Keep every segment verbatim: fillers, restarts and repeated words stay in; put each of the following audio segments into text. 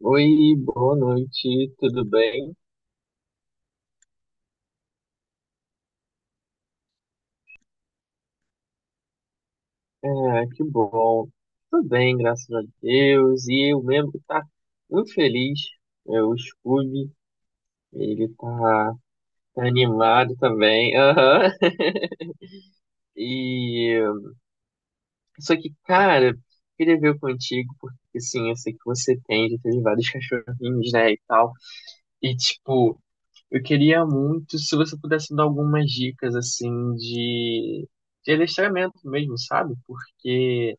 Oi, boa noite, tudo bem? É, que bom. Tudo bem, graças a Deus. E eu mesmo que tá muito feliz. É, o Scooby, ele tá, tá animado também. Aham. E só que, cara, queria ver contigo, porque assim, eu sei que você tem, já teve vários cachorrinhos, né, e tal. E tipo, eu queria muito se você pudesse dar algumas dicas assim de de adestramento mesmo, sabe? Porque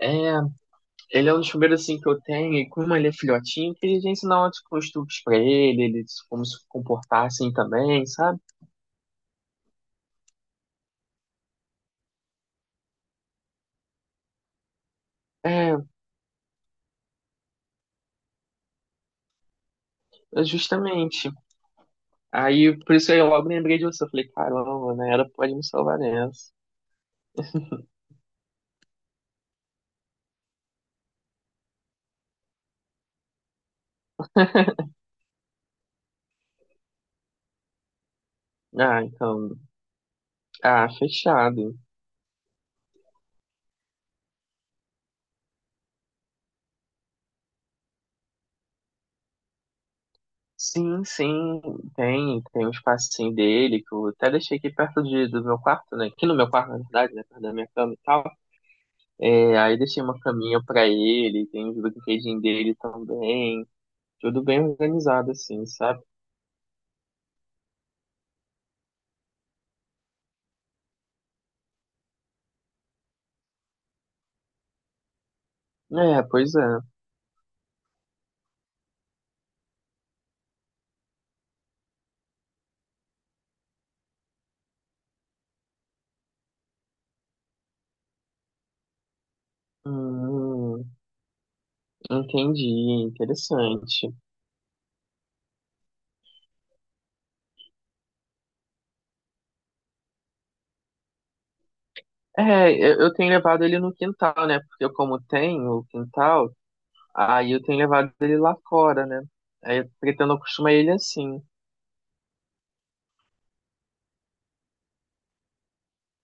é, ele é um dos primeiros assim que eu tenho, e como ele é filhotinho, que eles ensinam ótimos costumes pra ele, ele se- como se comportar assim também, sabe? É, é justamente. Aí, por isso aí eu logo lembrei de você. Eu falei, caramba, né? Ela pode me salvar nessa. Ah, então. Ah, fechado. Sim, sim, tem, tem um espacinho dele que eu até deixei aqui perto de, do meu quarto, né? Aqui no meu quarto, na verdade, né? Perto da minha cama e tal. É, aí deixei uma caminha pra ele, tem os brinquedinhos dele também. Tudo bem organizado, assim, sabe? É, pois é. Hum, entendi, interessante. É, eu, eu tenho levado ele no quintal, né? Porque eu, como tenho o quintal, aí eu tenho levado ele lá fora, né? Aí eu pretendo acostumar ele assim.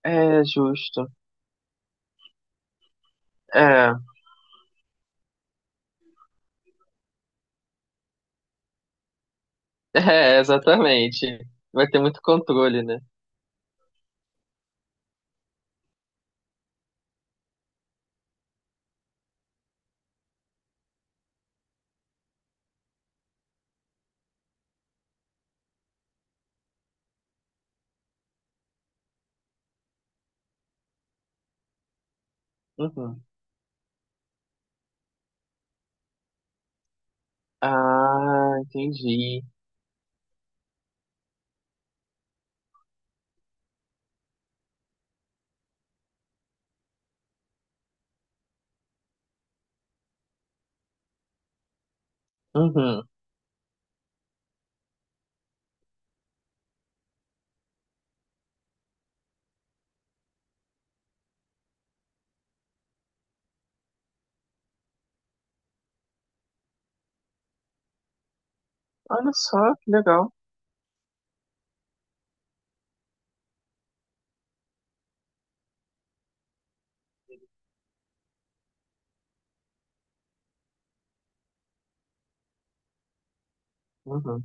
É, justo. É, é, exatamente. Vai ter muito controle, né? Uhum. Ah, entendi. Uhum. Olha só, que legal. Uhum.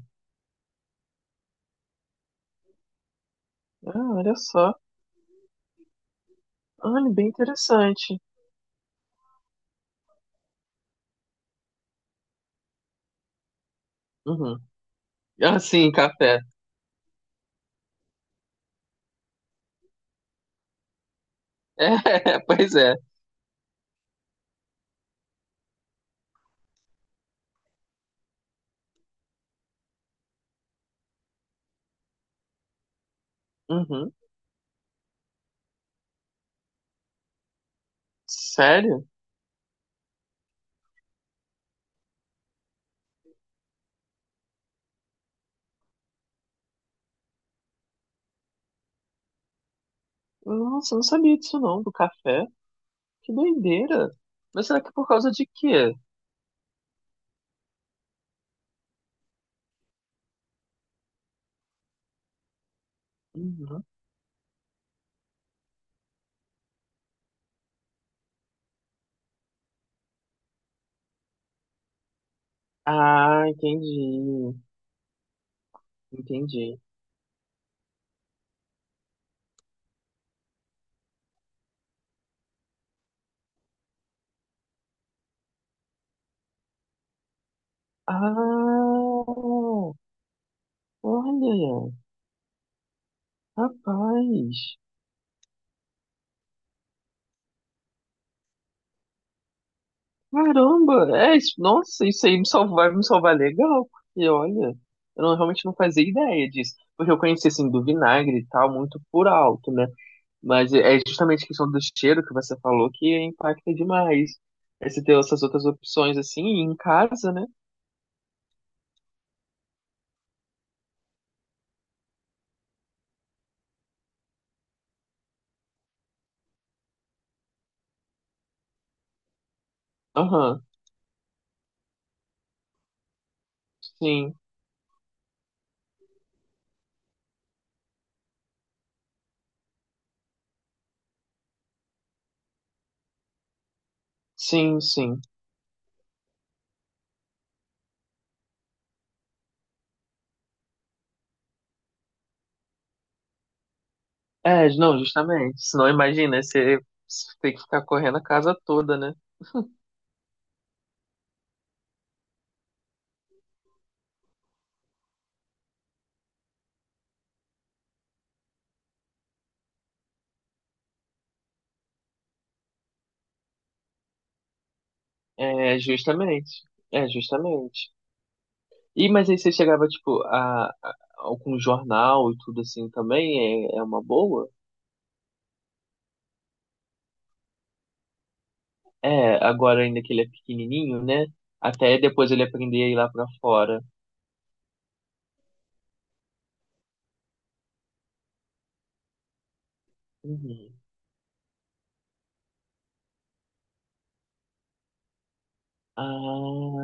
Ah, olha só. Olha, bem interessante. Uhum. Ah, sim, café. É, pois é. Uhum. Sério? Nossa, eu não sabia disso não, do café. Que doideira. Mas será que é por causa de quê? Uhum. Ah, entendi. Entendi. Ah, olha, rapaz. Caramba, é isso. Nossa, isso aí me salvar, vai me salvar legal, porque olha, eu não- realmente não fazia ideia disso. Porque eu conheci assim do vinagre e tal, muito por alto, né? Mas é justamente a questão do cheiro que você falou que impacta demais. Aí você tem essas outras opções assim, e em casa, né? Aham, sim, sim, sim. É, não, justamente. Senão imagina, você você tem que ficar correndo a casa toda, né? É, justamente. É, justamente. E, mas aí você chegava, tipo, a, a, algum jornal e tudo assim também, é, é uma boa? É, agora ainda que ele é pequenininho, né? Até depois ele aprender a ir lá pra fora. Uhum. Ah,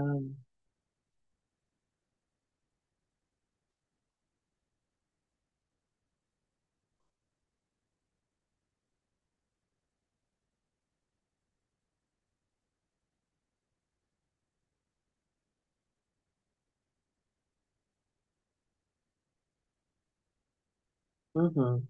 uhum.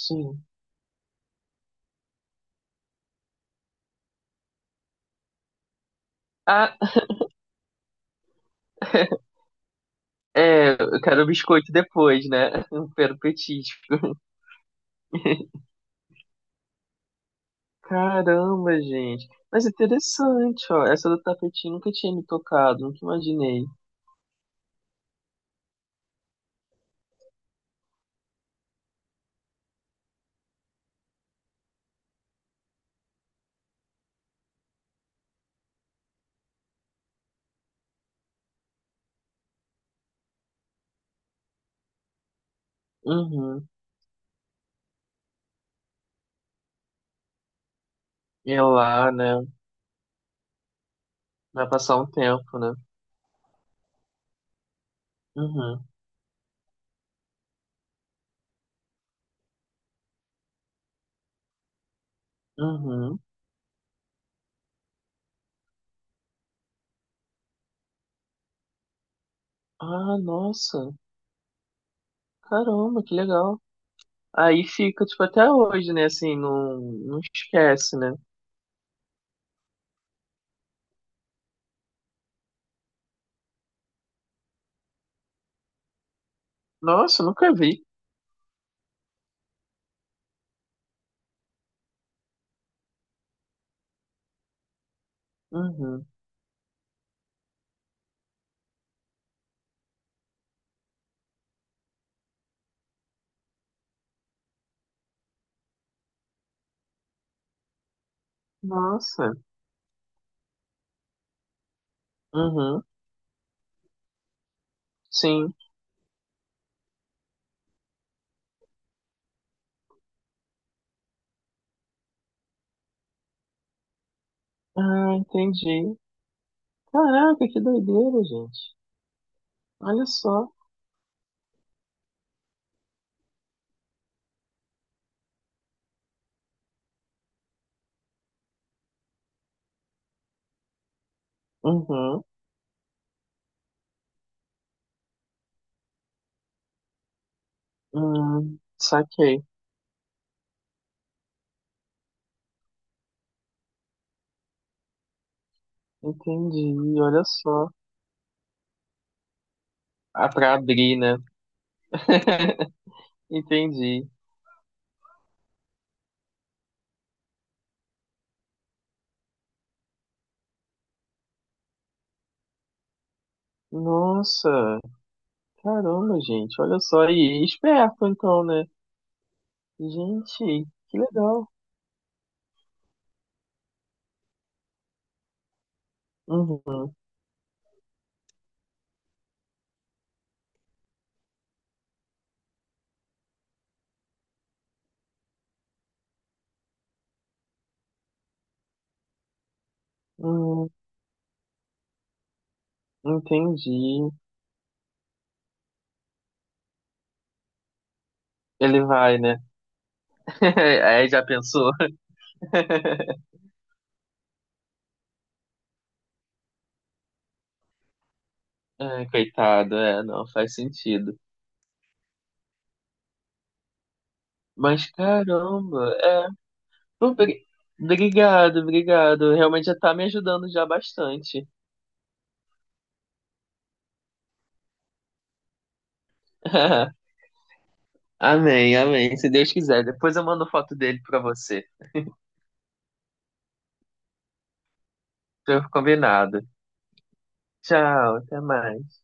Sim. Ah, é, eu quero biscoito depois, né? Eu quero petisco. Caramba, gente. Mas é interessante, ó. Essa do tapetinho nunca tinha me tocado, nunca imaginei. Uhum. E é lá, né? Vai passar um tempo, né? Uhum. Uhum. Ah, nossa. Caramba, que legal. Aí fica, tipo, até hoje, né? Assim, não, não esquece, né? Nossa, nunca vi. Uhum. Nossa. Uhum. Sim. Ah, entendi. Caraca, que doideira, gente. Olha só. Uhum. Hum, saquei. Entendi. Olha só. Ah, pra abrir, né? Entendi. Nossa, caramba, gente. Olha só. E esperto, então, né? Gente, que legal. Uhum. Hum, entendi. Ele vai, né? Aí já pensou. Ah, coitado, é, não faz sentido. Mas caramba, é, Obri- Obrigado, obrigado. Realmente já tá me ajudando já bastante. Amém, amém. Se Deus quiser. Depois eu mando foto dele pra você. Tô combinado. Tchau, até mais.